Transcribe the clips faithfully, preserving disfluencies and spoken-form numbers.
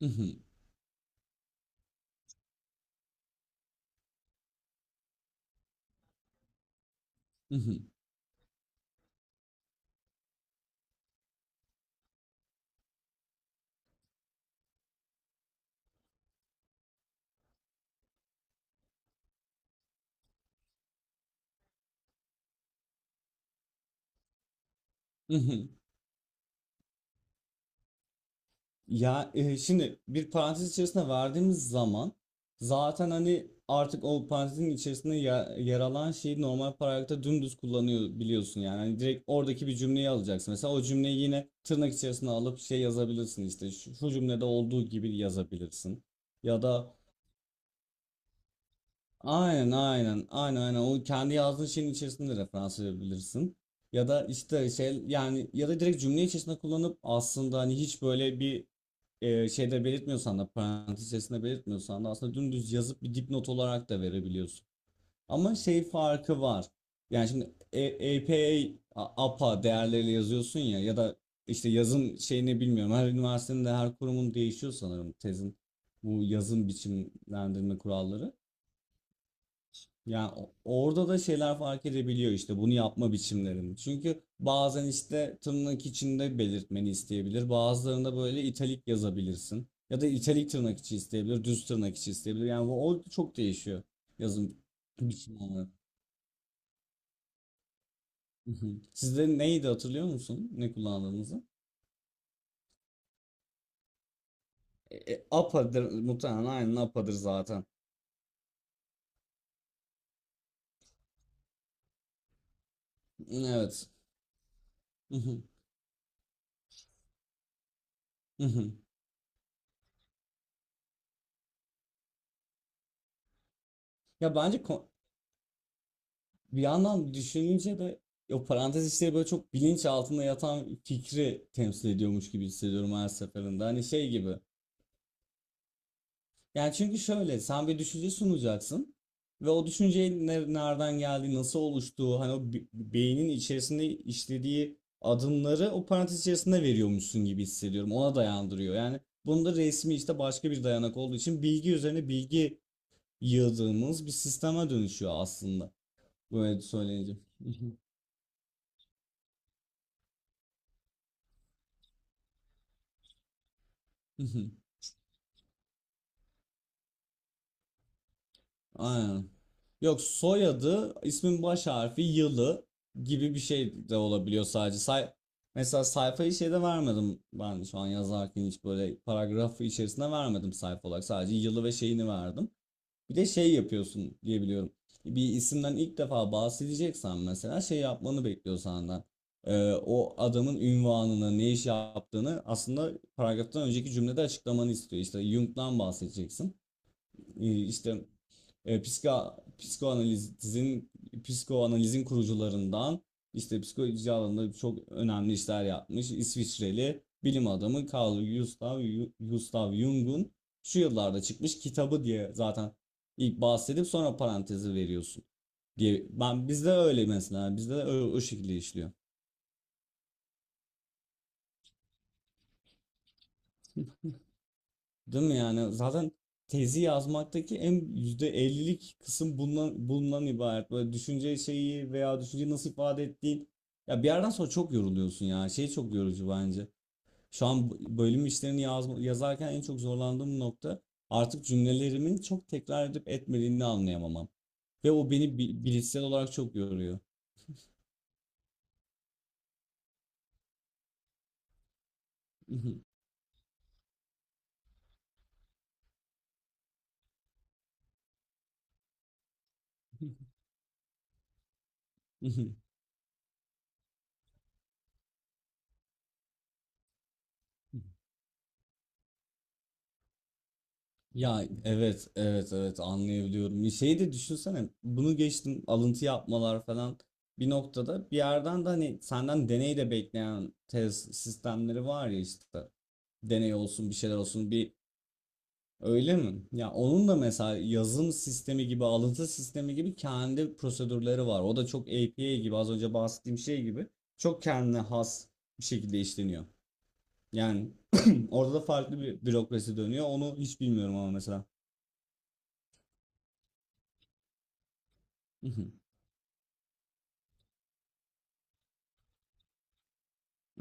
Hı hı, hı hı, hı hı. Ya e, şimdi bir parantez içerisine verdiğimiz zaman zaten hani artık o parantezin içerisinde ya- yer alan şeyi normal paragrafta dümdüz kullanıyor biliyorsun yani. Hani direkt oradaki bir cümleyi alacaksın. Mesela o cümleyi yine tırnak içerisine alıp şey yazabilirsin işte şu, şu cümlede olduğu gibi yazabilirsin. Ya da Aynen aynen aynen aynen o kendi yazdığın şeyin içerisinde referans verebilirsin. Ya da işte şey yani ya da direkt cümle içerisinde kullanıp aslında hani hiç böyle bir e, şeyde belirtmiyorsan da parantez içerisinde belirtmiyorsan da aslında dümdüz yazıp bir dipnot olarak da verebiliyorsun. Ama şey farkı var. Yani şimdi E- APA, a- APA değerleriyle yazıyorsun ya ya da işte yazım şeyini bilmiyorum. Her üniversitenin de her kurumun değişiyor sanırım tezin bu yazım biçimlendirme kuralları. Yani o- orada da şeyler fark edebiliyor işte bunu yapma biçimlerini. Çünkü bazen işte tırnak içinde belirtmeni isteyebilir. Bazılarında böyle italik yazabilirsin. Ya da italik tırnak içi isteyebilir, düz tırnak içi isteyebilir. Yani bu orada çok değişiyor yazım biçimi olarak. Hı hı. Sizde neydi hatırlıyor musun? Ne kullandığınızı? E, e, APA'dır muhtemelen aynen APA'dır zaten. Evet. Hı hı, hı hı. Ya bence ko- bir yandan düşününce de o parantez işleri böyle çok bilinç altında yatan fikri temsil ediyormuş gibi hissediyorum her seferinde. Hani şey gibi. Yani çünkü şöyle sen bir düşünce sunacaksın ve o düşüncenin ne- nereden geldiği, nasıl oluştuğu, hani o bi- beynin içerisinde işlediği adımları o parantez içerisinde veriyormuşsun gibi hissediyorum. Ona dayandırıyor. Yani bunda resmi işte başka bir dayanak olduğu için bilgi üzerine bilgi yığdığımız bir sisteme dönüşüyor aslında. Böyle söyleyince. Aynen. Yok soyadı, ismin baş harfi, yılı gibi bir şey de olabiliyor sadece. Say mesela sayfayı şeyde vermedim ben şu an yazarken hiç böyle paragrafı içerisinde vermedim sayfa olarak. Sadece yılı ve şeyini verdim. Bir de şey yapıyorsun diye biliyorum. Bir isimden ilk defa bahsedeceksen mesela şey yapmanı bekliyor senden. Ee, o adamın ünvanını, ne iş yaptığını aslında paragraftan önceki cümlede açıklamanı istiyor. İşte Jung'dan bahsedeceksin e, işte e, psika, psikoanalizin psikoanalizin kurucularından işte psikoloji alanında çok önemli işler yapmış İsviçreli bilim adamı Carl Gustav Gustav Jung'un şu yıllarda çıkmış kitabı diye zaten ilk bahsedip sonra parantezi veriyorsun diye. Ben bizde öyle mesela bizde de o, o şekilde işliyor. Değil mi yani? Zaten tezi yazmaktaki en yüzde ellilik kısım bundan, bundan ibaret. Böyle düşünce şeyi veya düşünceyi nasıl ifade ettiğin. Ya bir yerden sonra çok yoruluyorsun ya. Şey çok yorucu bence. Şu an b- bölüm işlerini yazma, yazarken en çok zorlandığım nokta artık cümlelerimin çok tekrar edip etmediğini anlayamamam. Ve o beni bi- bilişsel olarak çok yoruyor. Ya evet evet evet anlayabiliyorum. Bir şeyi de düşünsene bunu geçtim alıntı yapmalar falan bir noktada bir yerden de hani senden deney de bekleyen tez sistemleri var ya işte deney olsun bir şeyler olsun bir öyle mi? Ya onun da mesela yazım sistemi gibi alıntı sistemi gibi kendi prosedürleri var. O da çok APA gibi az önce bahsettiğim şey gibi çok kendine has bir şekilde işleniyor. Yani orada da farklı bir bürokrasi dönüyor onu hiç bilmiyorum ama mesela.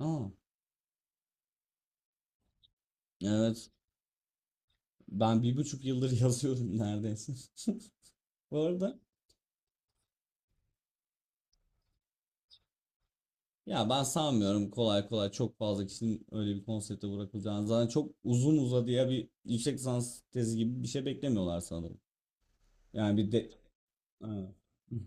Aa, evet. Ben bir buçuk yıldır yazıyorum neredeyse. Bu arada ya ben sanmıyorum kolay kolay çok fazla kişinin öyle bir konsepte bırakılacağını. Zaten çok uzun uzadıya bir yüksek lisans tezi gibi bir şey beklemiyorlar sanırım. Yani bir de... Ha.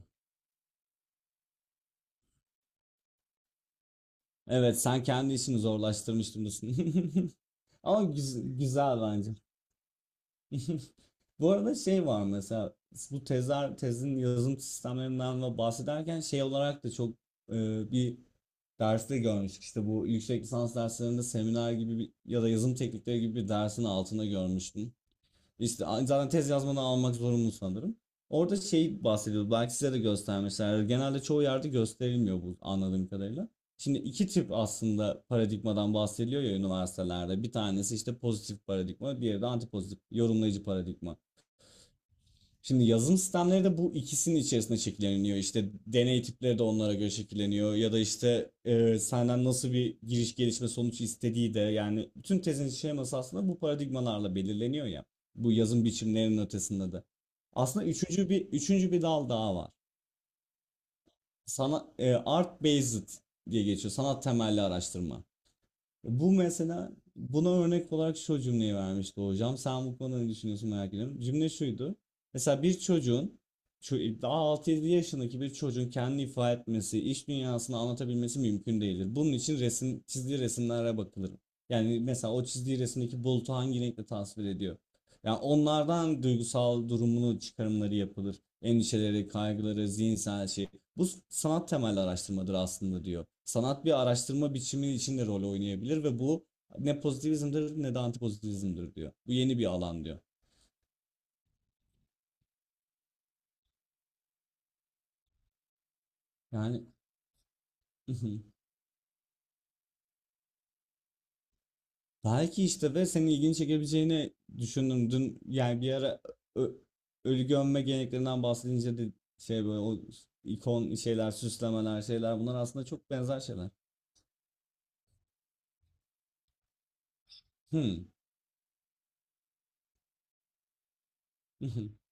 Evet sen kendi işini zorlaştırmıştın diyorsun. Ama güz- güzel bence. Bu arada şey var mesela bu tezler tezin yazım sistemlerinden ve bahsederken şey olarak da çok e, bir derste görmüştük. İşte bu yüksek lisans derslerinde seminer gibi bir, ya da yazım teknikleri gibi bir dersin altında görmüştüm. İşte a- zaten tez yazmanı almak zorunlu sanırım. Orada şey bahsediyordu. Belki size de göstermişler. Yani genelde çoğu yerde gösterilmiyor bu anladığım kadarıyla. Şimdi iki tip aslında paradigmadan bahsediliyor ya üniversitelerde. Bir tanesi işte pozitif paradigma, diğeri de antipozitif yorumlayıcı paradigma. Şimdi yazılım sistemleri de bu ikisinin içerisinde şekilleniyor. İşte deney tipleri de onlara göre şekilleniyor. Ya da işte e, senden nasıl bir giriş gelişme sonuç istediği de yani bütün tezin şeması aslında bu paradigmalarla belirleniyor ya. Bu yazım biçimlerinin ötesinde de. Aslında üçüncü bir üçüncü bir dal daha var. Sana e, art based diye geçiyor. Sanat temelli araştırma. Bu mesela buna örnek olarak şu cümleyi vermişti hocam. Sen bu konuda ne düşünüyorsun merak ediyorum. Cümle şuydu. Mesela bir çocuğun ço- daha altı yedi yaşındaki bir çocuğun kendini ifade etmesi, iş dünyasını anlatabilmesi mümkün değildir. Bunun için resim, çizdiği resimlere bakılır. Yani mesela o çizdiği resimdeki bulutu hangi renkle tasvir ediyor? Yani onlardan duygusal durumunu çıkarımları yapılır. Endişeleri, kaygıları, zihinsel şey. Bu sanat temelli araştırmadır aslında diyor. Sanat bir araştırma biçimi içinde rol oynayabilir ve bu ne pozitivizmdir ne de antipozitivizmdir diyor. Bu yeni bir alan diyor. Yani belki işte ve senin ilgini çekebileceğini düşündüm. Dün yani bir ara ö- ölü gömme geleneklerinden bahsedince de şey böyle o ikon şeyler, süslemeler, şeyler bunlar aslında çok benzer şeyler. Hmm.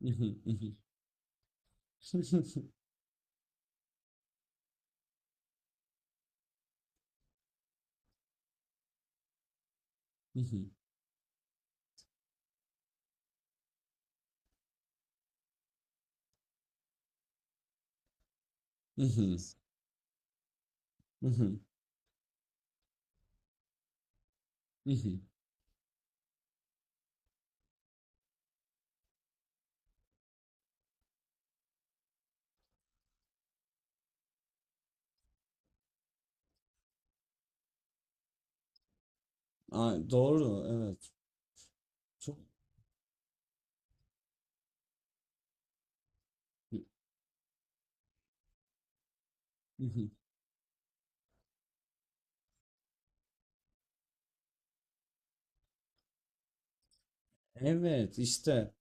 Aa, doğru, evet. Çok. Hı hı. Evet işte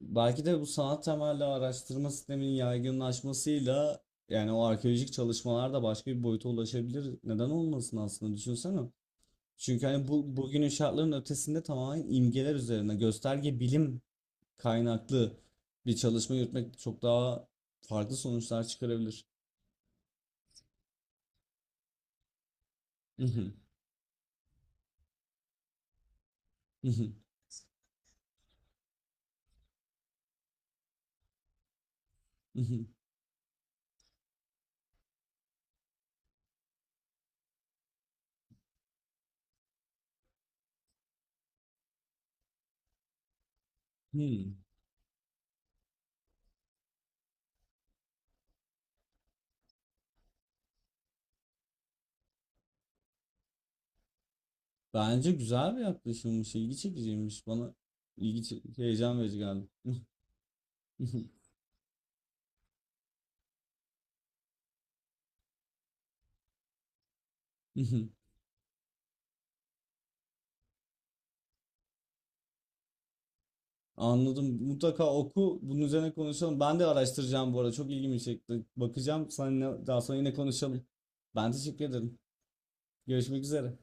belki de bu sanat temelli araştırma sisteminin yaygınlaşmasıyla yani o arkeolojik çalışmalar da başka bir boyuta ulaşabilir. Neden olmasın aslında düşünsene. Çünkü hani bu bugünün şartlarının ötesinde tamamen imgeler üzerine gösterge bilim kaynaklı bir çalışma yürütmek çok daha farklı sonuçlar çıkarabilir. Hmm. Bence güzel bir yaklaşımmış, ilgi çekiciymiş bana ilgi çe- heyecan verici geldi. Anladım. Mutlaka oku. Bunun üzerine konuşalım. Ben de araştıracağım bu arada. Çok ilgimi çekti. Bakacağım. Seninle daha sonra yine konuşalım. Ben teşekkür ederim. Görüşmek üzere.